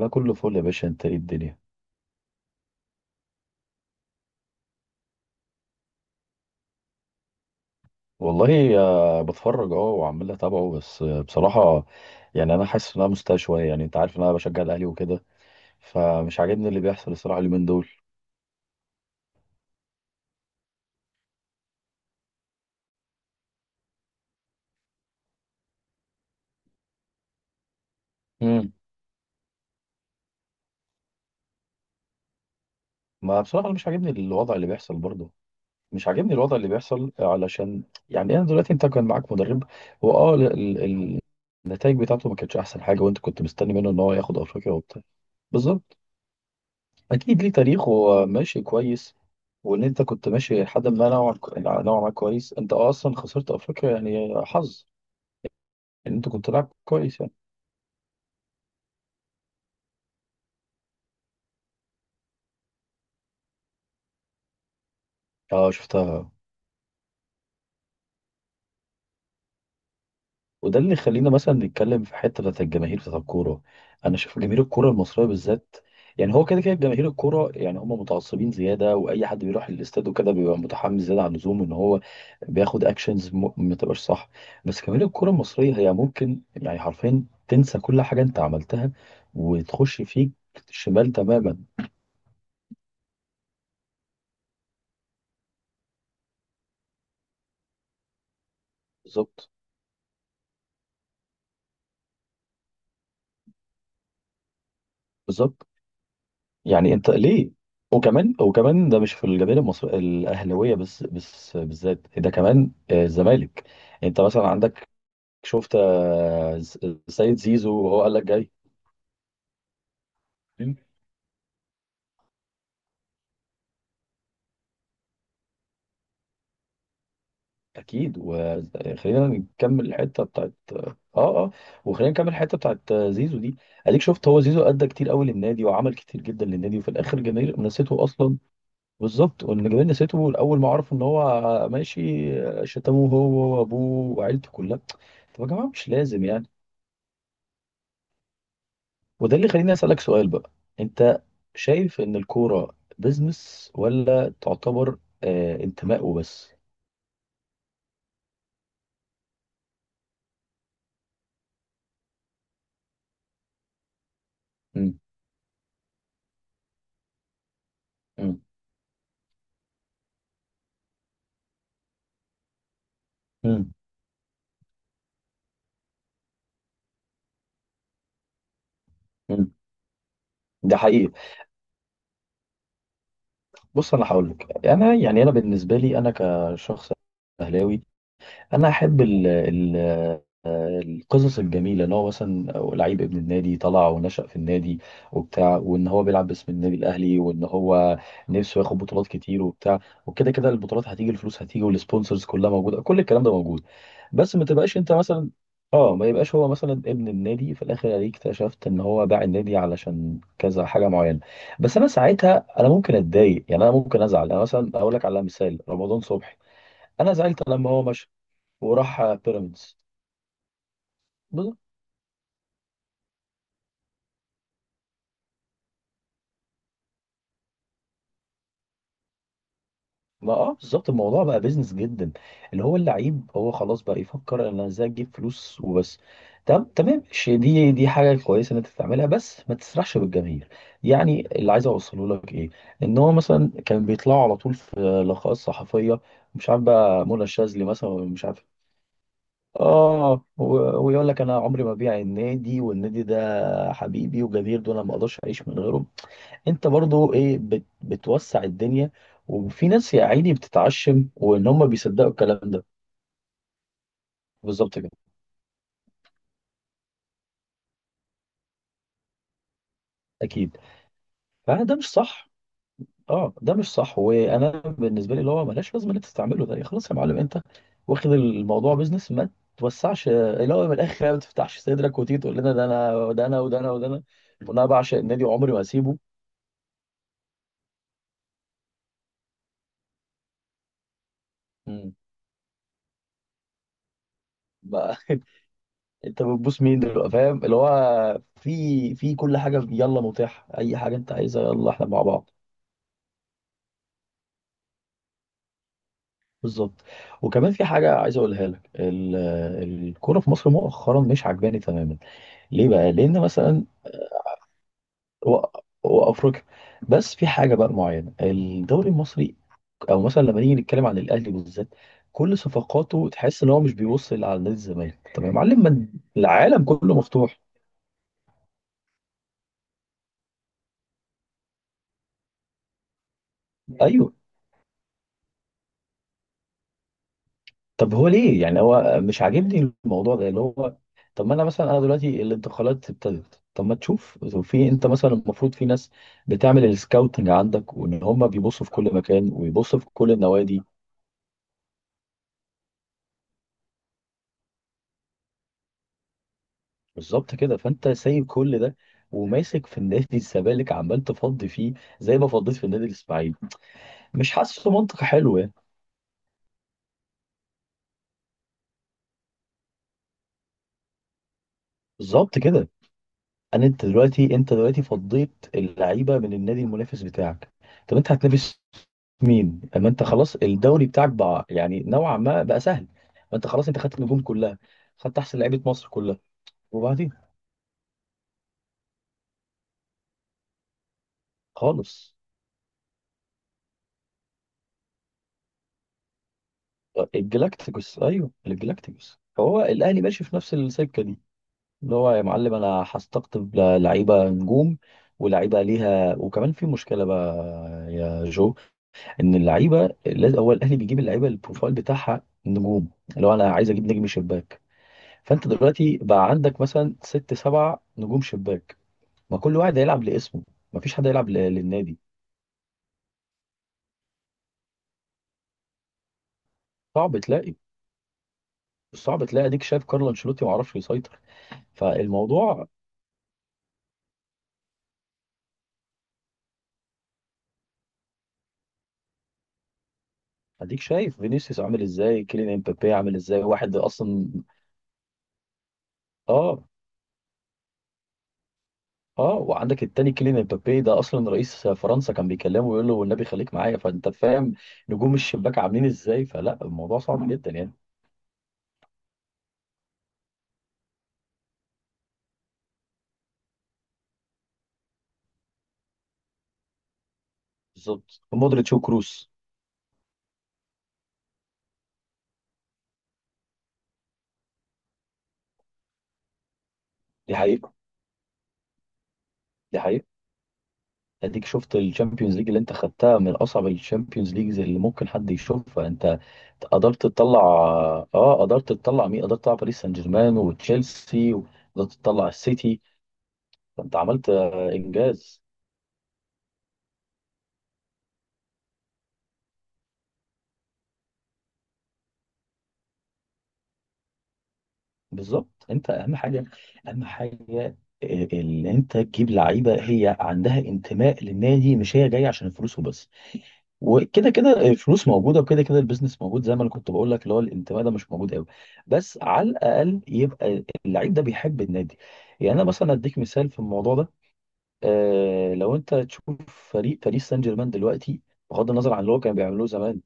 لا، كله فل يا باشا. انت ايه الدنيا؟ والله بتفرج، وعمال اتابعه، بس بصراحة يعني انا حاسس ان انا مستاء شوية. يعني انت عارف ان انا بشجع الاهلي وكده. فمش عاجبني اللي بيحصل الصراحة اليومين دول. امم. ما بصراحة أنا مش عاجبني الوضع اللي بيحصل برضه. مش عاجبني الوضع اللي بيحصل علشان يعني انا دلوقتي انت كان معاك مدرب، هو اه، النتائج بتاعته ما كانتش احسن حاجة، وانت كنت مستني منه ان هو ياخد افريقيا وبتاع. بالظبط. اكيد ليه تاريخه، ماشي كويس. وان انت كنت ماشي لحد ما نوعا ما كويس، انت اصلا خسرت افريقيا، يعني حظ ان انت كنت لاعب كويس يعني. اه شفتها. وده اللي يخلينا مثلا نتكلم في حته بتاعت الجماهير بتاعت الكوره. انا شايف جماهير الكوره المصريه بالذات، يعني هو كده كده جماهير الكوره، يعني هم متعصبين زياده، واي حد بيروح الاستاد وكده بيبقى متحمس زياده عن اللزوم ان هو بياخد اكشنز ما تبقاش صح. بس جماهير الكوره المصريه هي ممكن يعني حرفيا تنسى كل حاجه انت عملتها وتخش فيك شمال تماما. بالظبط بالظبط. يعني انت ليه؟ وكمان ده مش في الجماهير المصريه الاهلاويه بس، بالذات ده كمان الزمالك. انت مثلا عندك، شفت سيد زيزو وهو قال لك جاي. اكيد. وخلينا نكمل الحته بتاعت وخلينا نكمل الحته بتاعت زيزو دي. اديك شفت هو زيزو ادى كتير قوي للنادي وعمل كتير جدا للنادي، وفي الاخر الجماهير نسيته اصلا. بالظبط. واللي جابني سيرته الاول ما عرفوا ان هو ماشي، شتموه هو وابوه وعيلته كلها. طب يا جماعه مش لازم يعني. وده اللي خليني اسالك سؤال بقى. انت شايف ان الكوره بزنس، ولا تعتبر انتماء وبس؟ مم. مم. مم. مم. ده حقيقي. بص انا هقول لك، انا يعني انا بالنسبه لي انا كشخص اهلاوي، انا احب ال القصص الجميله، ان هو مثلا لعيب ابن النادي طلع ونشأ في النادي وبتاع، وان هو بيلعب باسم النادي الاهلي، وان هو نفسه ياخد بطولات كتير وبتاع. وكده كده البطولات هتيجي، الفلوس هتيجي، والسبونسرز كلها موجوده، كل الكلام ده موجود. بس ما تبقاش انت مثلا، اه، ما يبقاش هو مثلا ابن النادي في الاخر عليك اكتشفت ان هو باع النادي علشان كذا حاجه معينه، بس انا ساعتها انا ممكن اتضايق، يعني انا ممكن ازعل. انا مثلا اقول لك على مثال رمضان صبحي، انا زعلت لما هو مشى وراح بيراميدز. بز- ما بالظبط، الموضوع بقى بيزنس جدا، اللي هو اللعيب هو خلاص بقى يفكر انا ازاي اجيب فلوس وبس. تم، تمام، ماشي، دي حاجه كويسه ان انت تعملها، بس ما تسرحش بالجماهير. يعني اللي عايز اوصله لك ايه، ان هو مثلا كان بيطلعوا على طول في لقاءات صحفيه، مش عارف بقى منى الشاذلي مثلا، مش عارف، اه ويقول لك انا عمري ما بيع النادي، والنادي ده حبيبي، وجماهير دول انا ما اقدرش اعيش من غيرهم. انت برضو ايه بتوسع الدنيا، وفي ناس يا عيني بتتعشم وان هم بيصدقوا الكلام ده. بالظبط كده. اكيد. فده مش صح. اه ده مش صح، وانا بالنسبه لي اللي هو ملهاش لازمه ان انت تستعمله ده. خلاص يا معلم انت واخد الموضوع بيزنس، ما توسعش، اللي هو من الاخر يعني ما تفتحش صدرك وتيجي تقول لنا ده انا ده انا وده انا وده انا وانا بعشق النادي وعمري ما هسيبه. مم. بقى انت بتبوس مين دلوقتي؟ فاهم اللي هو، في كل حاجه يلا متاح، اي حاجه انت عايزها يلا احنا مع بعض. بالظبط. وكمان في حاجه عايز اقولها لك، الكوره في مصر مؤخرا مش عجباني تماما. ليه بقى؟ لان مثلا و- وافريقيا، بس في حاجه بقى معينه الدوري المصري، او مثلا لما نيجي نتكلم عن الاهلي بالذات، كل صفقاته تحس ان هو مش بيوصل على نادي الزمالك، تمام معلم؟ ما العالم كله مفتوح. ايوه. طب هو ليه؟ يعني هو مش عاجبني الموضوع ده، اللي هو طب ما انا مثلا انا دلوقتي الانتقالات ابتدت، طب ما تشوف في، انت مثلا المفروض في ناس بتعمل السكاوتنج عندك وان هم بيبصوا في كل مكان ويبصوا في كل النوادي. بالظبط كده. فانت سايب كل ده وماسك في النادي الزمالك عمال تفضي فيه، زي ما فضيت في النادي الاسماعيلي. مش حاسس منطق حلو يعني. بالظبط كده. انت دلوقتي فضيت اللعيبه من النادي المنافس بتاعك، طب انت هتنافس مين اما انت خلاص الدوري بتاعك بقى يعني نوعا ما بقى سهل؟ ما انت خلاص، انت خدت النجوم كلها، خدت احسن لعيبه مصر كلها. وبعدين خالص الجلاكتيكوس، ايوه الجلاكتيكوس. فهو الاهلي ماشي في نفس السكه دي، اللي هو يا معلم انا هستقطب لعيبه نجوم، ولعيبه ليها. وكمان في مشكله بقى يا جو، ان اللعيبه لازم، هو الاهلي بيجيب اللعيبه البروفايل بتاعها نجوم. لو انا عايز اجيب نجم شباك، فانت دلوقتي بقى عندك مثلا ست سبع نجوم شباك، ما كل واحد هيلعب لاسمه، ما فيش حد هيلعب للنادي. صعب تلاقي، صعب تلاقي. اديك شايف كارلو انشيلوتي ما عرفش يسيطر. فالموضوع، اديك شايف فينيسيوس عامل ازاي، كيليان امبابي عامل ازاي، واحد اصلا. اه اه وعندك التاني كيليان امبابي، ده اصلا رئيس فرنسا كان بيكلمه ويقول له والنبي خليك معايا، فانت فاهم نجوم الشباك عاملين ازاي. فلا الموضوع صعب جدا يعني. بالظبط، مودريتش وكروس. دي حقيقة، دي حقيقة. اديك شفت الشامبيونز ليج اللي انت خدتها من اصعب الشامبيونز ليجز اللي ممكن حد يشوفها. انت قدرت تطلع، اه قدرت تطلع، مين قدرت تطلع؟ باريس سان جيرمان وتشيلسي، وقدرت تطلع السيتي. فانت عملت انجاز. بالظبط. انت اهم حاجه، اهم حاجه، ان انت تجيب لعيبه هي عندها انتماء للنادي، مش هي جايه عشان الفلوس وبس. وكده كده الفلوس موجوده، وكده كده البيزنس موجود، زي ما انا كنت بقول لك، اللي هو الانتماء ده مش موجود قوي. بس على الاقل يبقى اللعيب ده بيحب النادي. يعني انا مثلا اديك مثال في الموضوع ده، لو انت تشوف فريق باريس سان جيرمان دلوقتي، بغض النظر عن اللي هو كان بيعملوه زمان.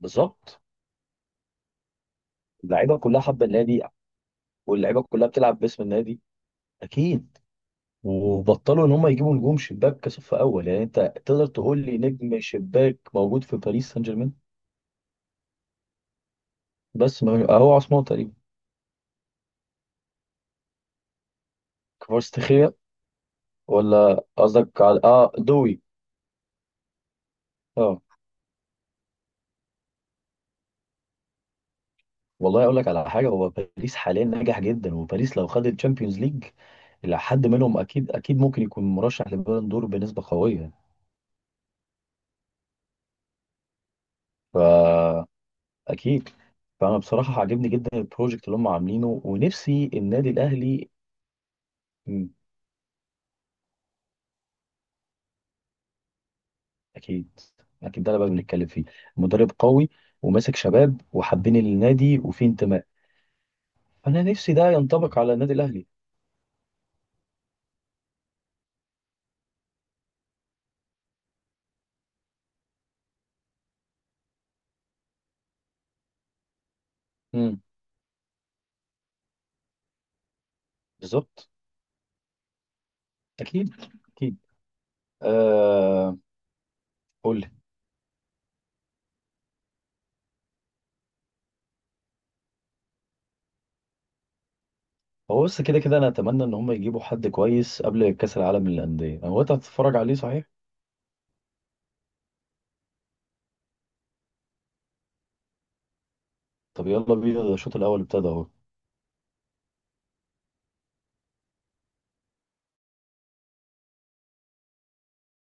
بالظبط. اللعيبه كلها حابه النادي، واللعيبه كلها بتلعب باسم النادي. اكيد. وبطلوا ان هم يجيبوا نجوم شباك كصف اول، يعني انت تقدر تقول لي نجم شباك موجود في باريس سان جيرمان؟ بس ما اهو عثمان تقريبا. كفاراتسخيليا. ولا قصدك على دوي. اه. والله اقول لك على حاجه، هو باريس حاليا ناجح جدا، وباريس لو خد الشامبيونز ليج الى حد منهم اكيد اكيد ممكن يكون مرشح لبالون دور بنسبه قويه. فا اكيد. فانا بصراحه عاجبني جدا البروجكت اللي هم عاملينه، ونفسي النادي الاهلي. اكيد اكيد. ده اللي بقى بنتكلم فيه، مدرب قوي وماسك شباب وحابين النادي وفيه انتماء. انا نفسي ده ينطبق على النادي الاهلي. امم. بالظبط. اكيد اكيد. آه قول لي. هو بس كده كده انا اتمنى ان هم يجيبوا حد كويس قبل كاس العالم للانديه، انا وقتها هتتفرج عليه صحيح. طب يلا بينا، ده الشوط الاول ابتدى اهو.